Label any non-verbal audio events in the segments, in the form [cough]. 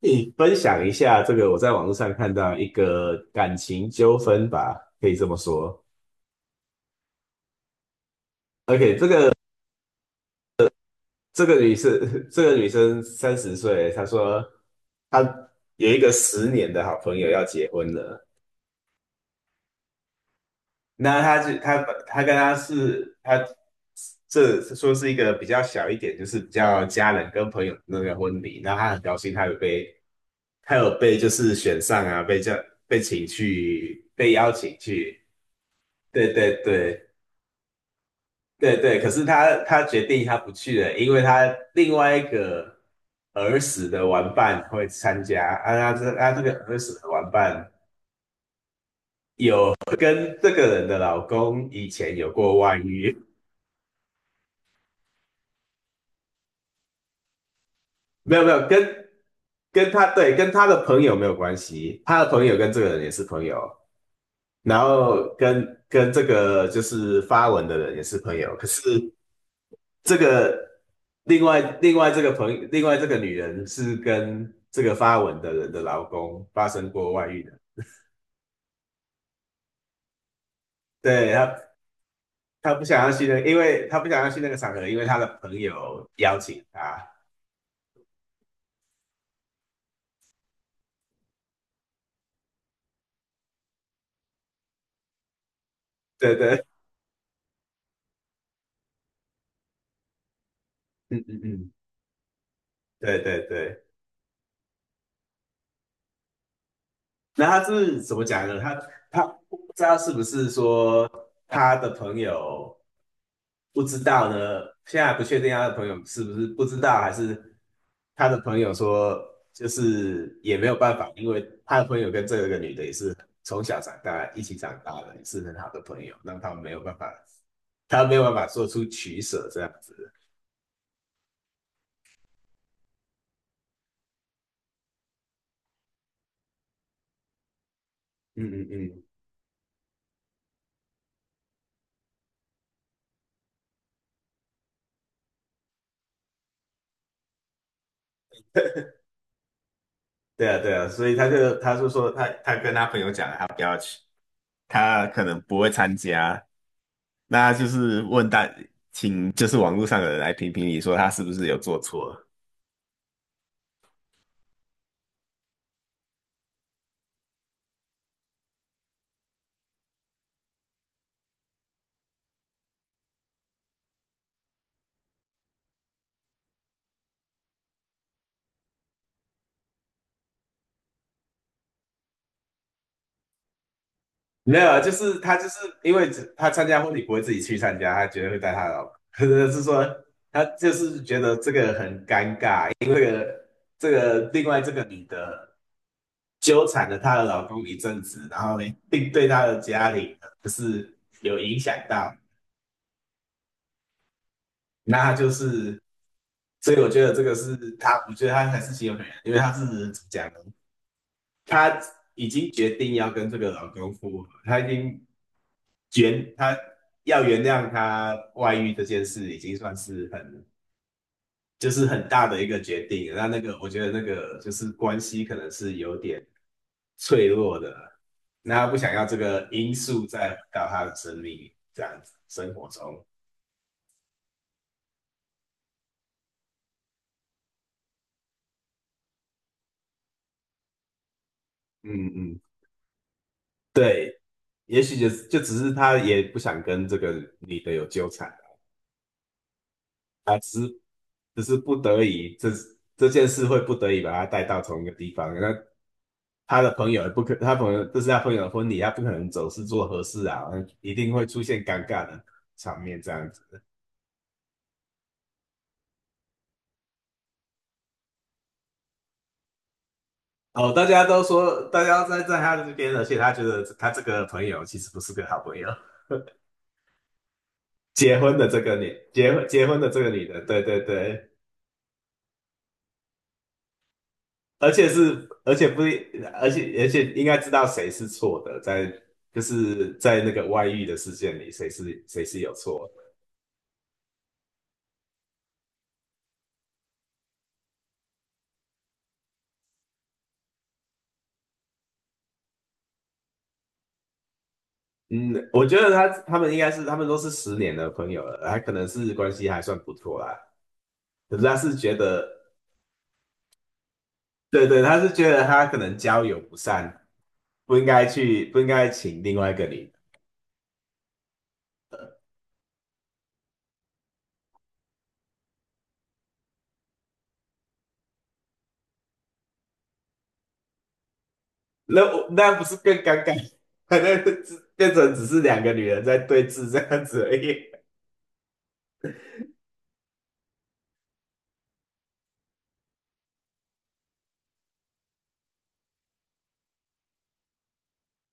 你分享一下这个，我在网络上看到一个感情纠纷吧，可以这么说。OK，这个女生，[laughs] 这个女生30岁，她说她一个十年的好朋友要结婚了。那她就她她跟她是她这说是一个比较小一点，就是比较家人跟朋友的那个婚礼。那她很高兴，她有被就是选上啊，被邀请去。对对对。对对，可是他决定他不去了，因为他另外一个儿时的玩伴会参加，啊，他这个儿时的玩伴有跟这个人的老公以前有过外遇，[laughs] 没有没有跟跟他对跟他的朋友没有关系，他的朋友跟这个人也是朋友，然后跟这个就是发文的人也是朋友，可是这个另外这个朋友，另外这个女人是跟这个发文的人的老公发生过外遇的，对她她不想要去那个因为她不想要去那个场合，因为她的朋友邀请她，对对，嗯嗯嗯，对对对。那他是怎么讲呢？他不知道是不是说他的朋友不知道呢？现在还不确定他的朋友是不是不知道，还是他的朋友说就是也没有办法，因为他的朋友跟这个女的也是从小长大一起长大的，也是很好的朋友，让他们没有办法，他没有办法做出取舍这样子。嗯嗯嗯，对啊，对啊，所以他就说他跟他朋友讲了，他不要去，他可能不会参加。那就是问大，请就是网络上的人来评评理，说他是不是有做错？没有啊，就是他就是因为只他参加婚礼不会自己去参加，他绝对会带他老婆，[laughs] 是说他就是觉得这个很尴尬。这个另外这个女的纠缠了她的老公一阵子，然后并对她的家里就是有影响到。那就是，所以我觉得这个是他，我觉得他还是心有可原，因为他是怎么讲呢？他已经决定要跟这个老公复合，他已经原他要原谅他外遇这件事，已经算是就是很大的一个决定了。那那个我觉得那个就是关系可能是有点脆弱的，那他不想要这个因素再回到他的生命这样子生活中。嗯嗯，对，也许就只是他也不想跟这个女的有纠缠啊，只是不得已，这件事会不得已把他带到同一个地方。那他的朋友也不可，他朋友这是他朋友的婚礼，他不可能总是做合适啊，一定会出现尴尬的场面这样子。哦，大家都说大家在他这边，而且他觉得他这个朋友其实不是个好朋友。结婚的这个女的，对对对，而且是，而且不，而且应该知道谁是错的，就是在那个外遇的事件里，谁是有错。嗯，我觉得他们应该是他们都是十年的朋友了，他可能是关系还算不错啦。可是他是觉得，对对，他是觉得他可能交友不善，不应该去，不应该请另外一个女的。那我那不是更尴尬？[laughs] 那只变成只是两个女人在对峙这样子而已。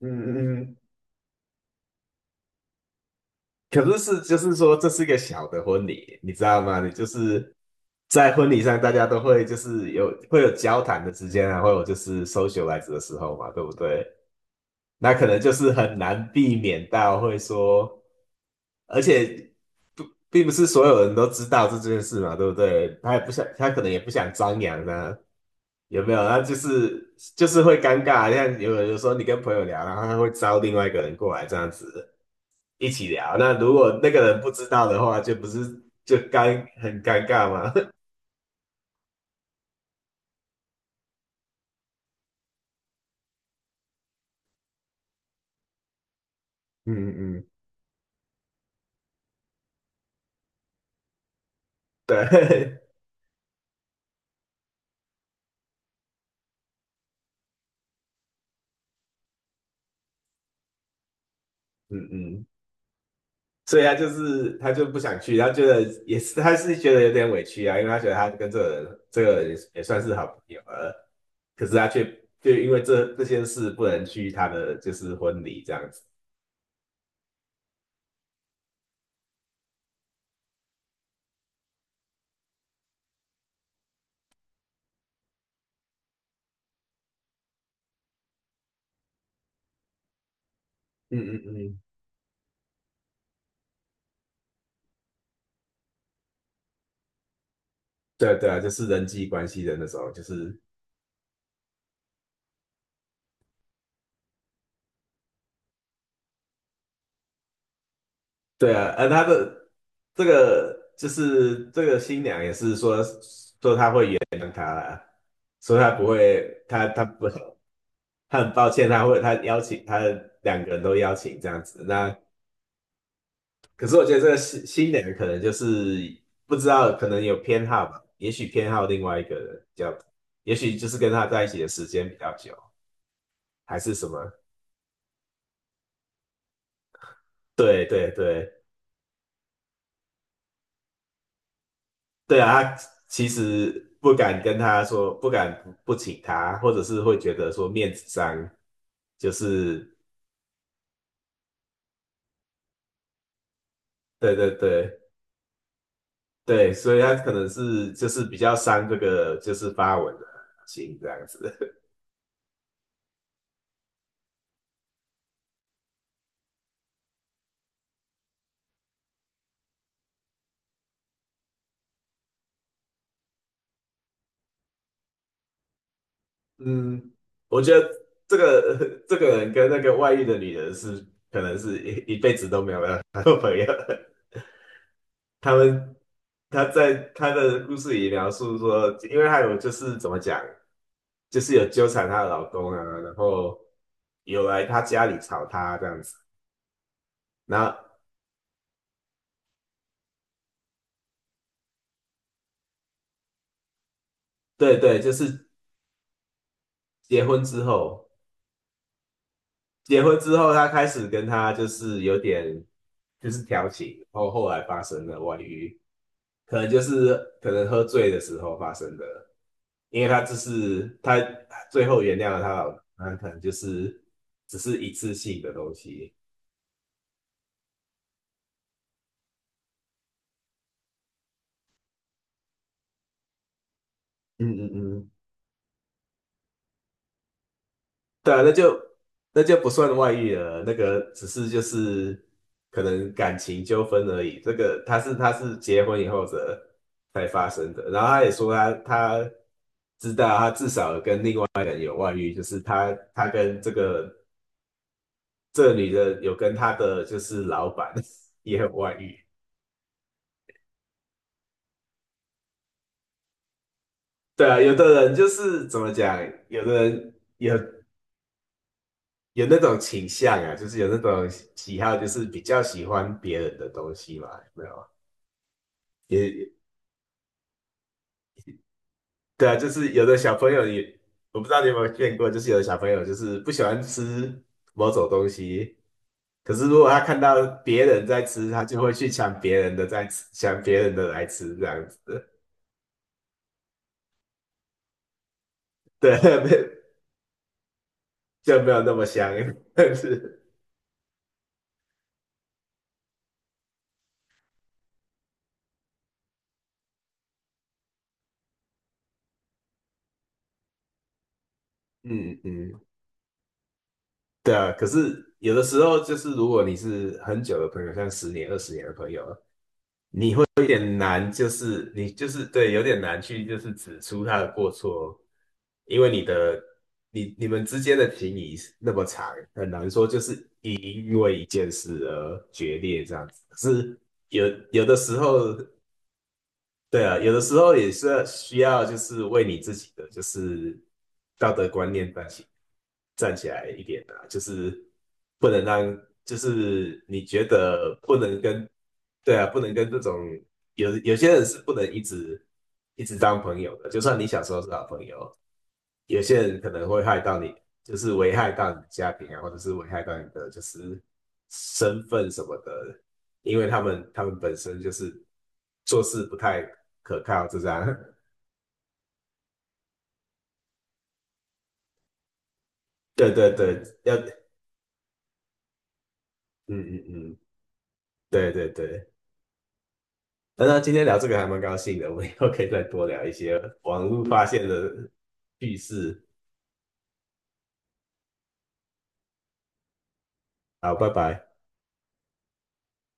嗯嗯。嗯，可是是就是说这是一个小的婚礼，你知道吗？你就是在婚礼上，大家都会就是会有交谈的时间啊，会有就是 socialize 的时候嘛，对不对？那可能就是很难避免到会说，而且不并不是所有人都知道这件事嘛，对不对？他也不想，他可能也不想张扬呢、有没有？那就是会尴尬，像有时候你跟朋友聊，然后他会招另外一个人过来这样子，一起聊。那如果那个人不知道的话，就不是很尴尬吗？[laughs] 嗯嗯，对，[laughs] 嗯嗯，所以他就不想去，他觉得也是，他是觉得有点委屈啊，因为他觉得他跟这个人也算是好朋友了，可是他却就因为这件事不能去他的就是婚礼这样子。嗯嗯嗯，对啊对啊，就是人际关系的那种，就是对啊，而他的就是这个新娘也是说。所以他不会，他他不，他很抱歉，他会他邀请他两个人都邀请这样子。那可是我觉得这个新的人可能就是不知道，可能有偏好吧，也许偏好另外一个人比较，也许就是跟他在一起的时间比较久，还是什么？对对对对啊，他其实不敢跟他说，不请他，或者是会觉得说面子上就是对对对。对，所以他可能是就是比较伤这个就是发文的心这样子。[laughs] 嗯，我觉得这个人跟那个外遇的女人是可能是一辈子都没有办法做 [laughs] 朋友。[laughs] 他们他在他的故事里描述说，因为他有就是怎么讲，就是有纠缠她的老公啊，然后有来他家里吵她这样子。然后对对，就是结婚之后。结婚之后，他开始跟他就是有点就是调情，然后后来发生了外遇，可能就是可能喝醉的时候发生的，因为他只是他最后原谅了他老婆，那可能就是只是一次性的东西。嗯嗯嗯。对啊，那就不算外遇了，那个只是就是可能感情纠纷而已。这个他是结婚以后的才发生的，然后他也说他知道他至少有跟另外一个人有外遇，就是他跟这个女的有跟他的就是老板 [laughs] 也有外遇。对啊，有的人就是怎么讲，有的人有有那种倾向啊，就是有那种喜好，就是比较喜欢别人的东西嘛，有没有？也对啊，就是有的小朋友也，我不知道你有没有见过，就是有的小朋友就是不喜欢吃某种东西，可是如果他看到别人在吃，他就会去抢别人的在吃，抢别人的来吃这样子，对，[laughs] 没就没有那么香，[laughs] 但是，嗯嗯，对啊，可是有的时候就是如果你是很久的朋友，像十年、20年的朋友，有点难，就是对，有点难去就是指出他的过错，因为你你们之间的情谊是那么长，很难说因因为一件事而决裂这样子。可是有有的时候对啊，有的时候也是需要，就是为你自己的就是道德观念站起来一点啊，就是不能让，就是你觉得不能跟，对啊，不能跟这种有些人是不能一直当朋友的，就算你小时候是好朋友，有些人可能会害到你，就是危害到你的家庭啊，或者是危害到你的就是身份什么的，因为他们本身就是做事不太可靠，就这样。[laughs] 对对对，要，嗯嗯嗯，对对对。那那今天聊这个还蛮高兴的，我们以后可以再多聊一些网络发现的趣事。好，拜拜。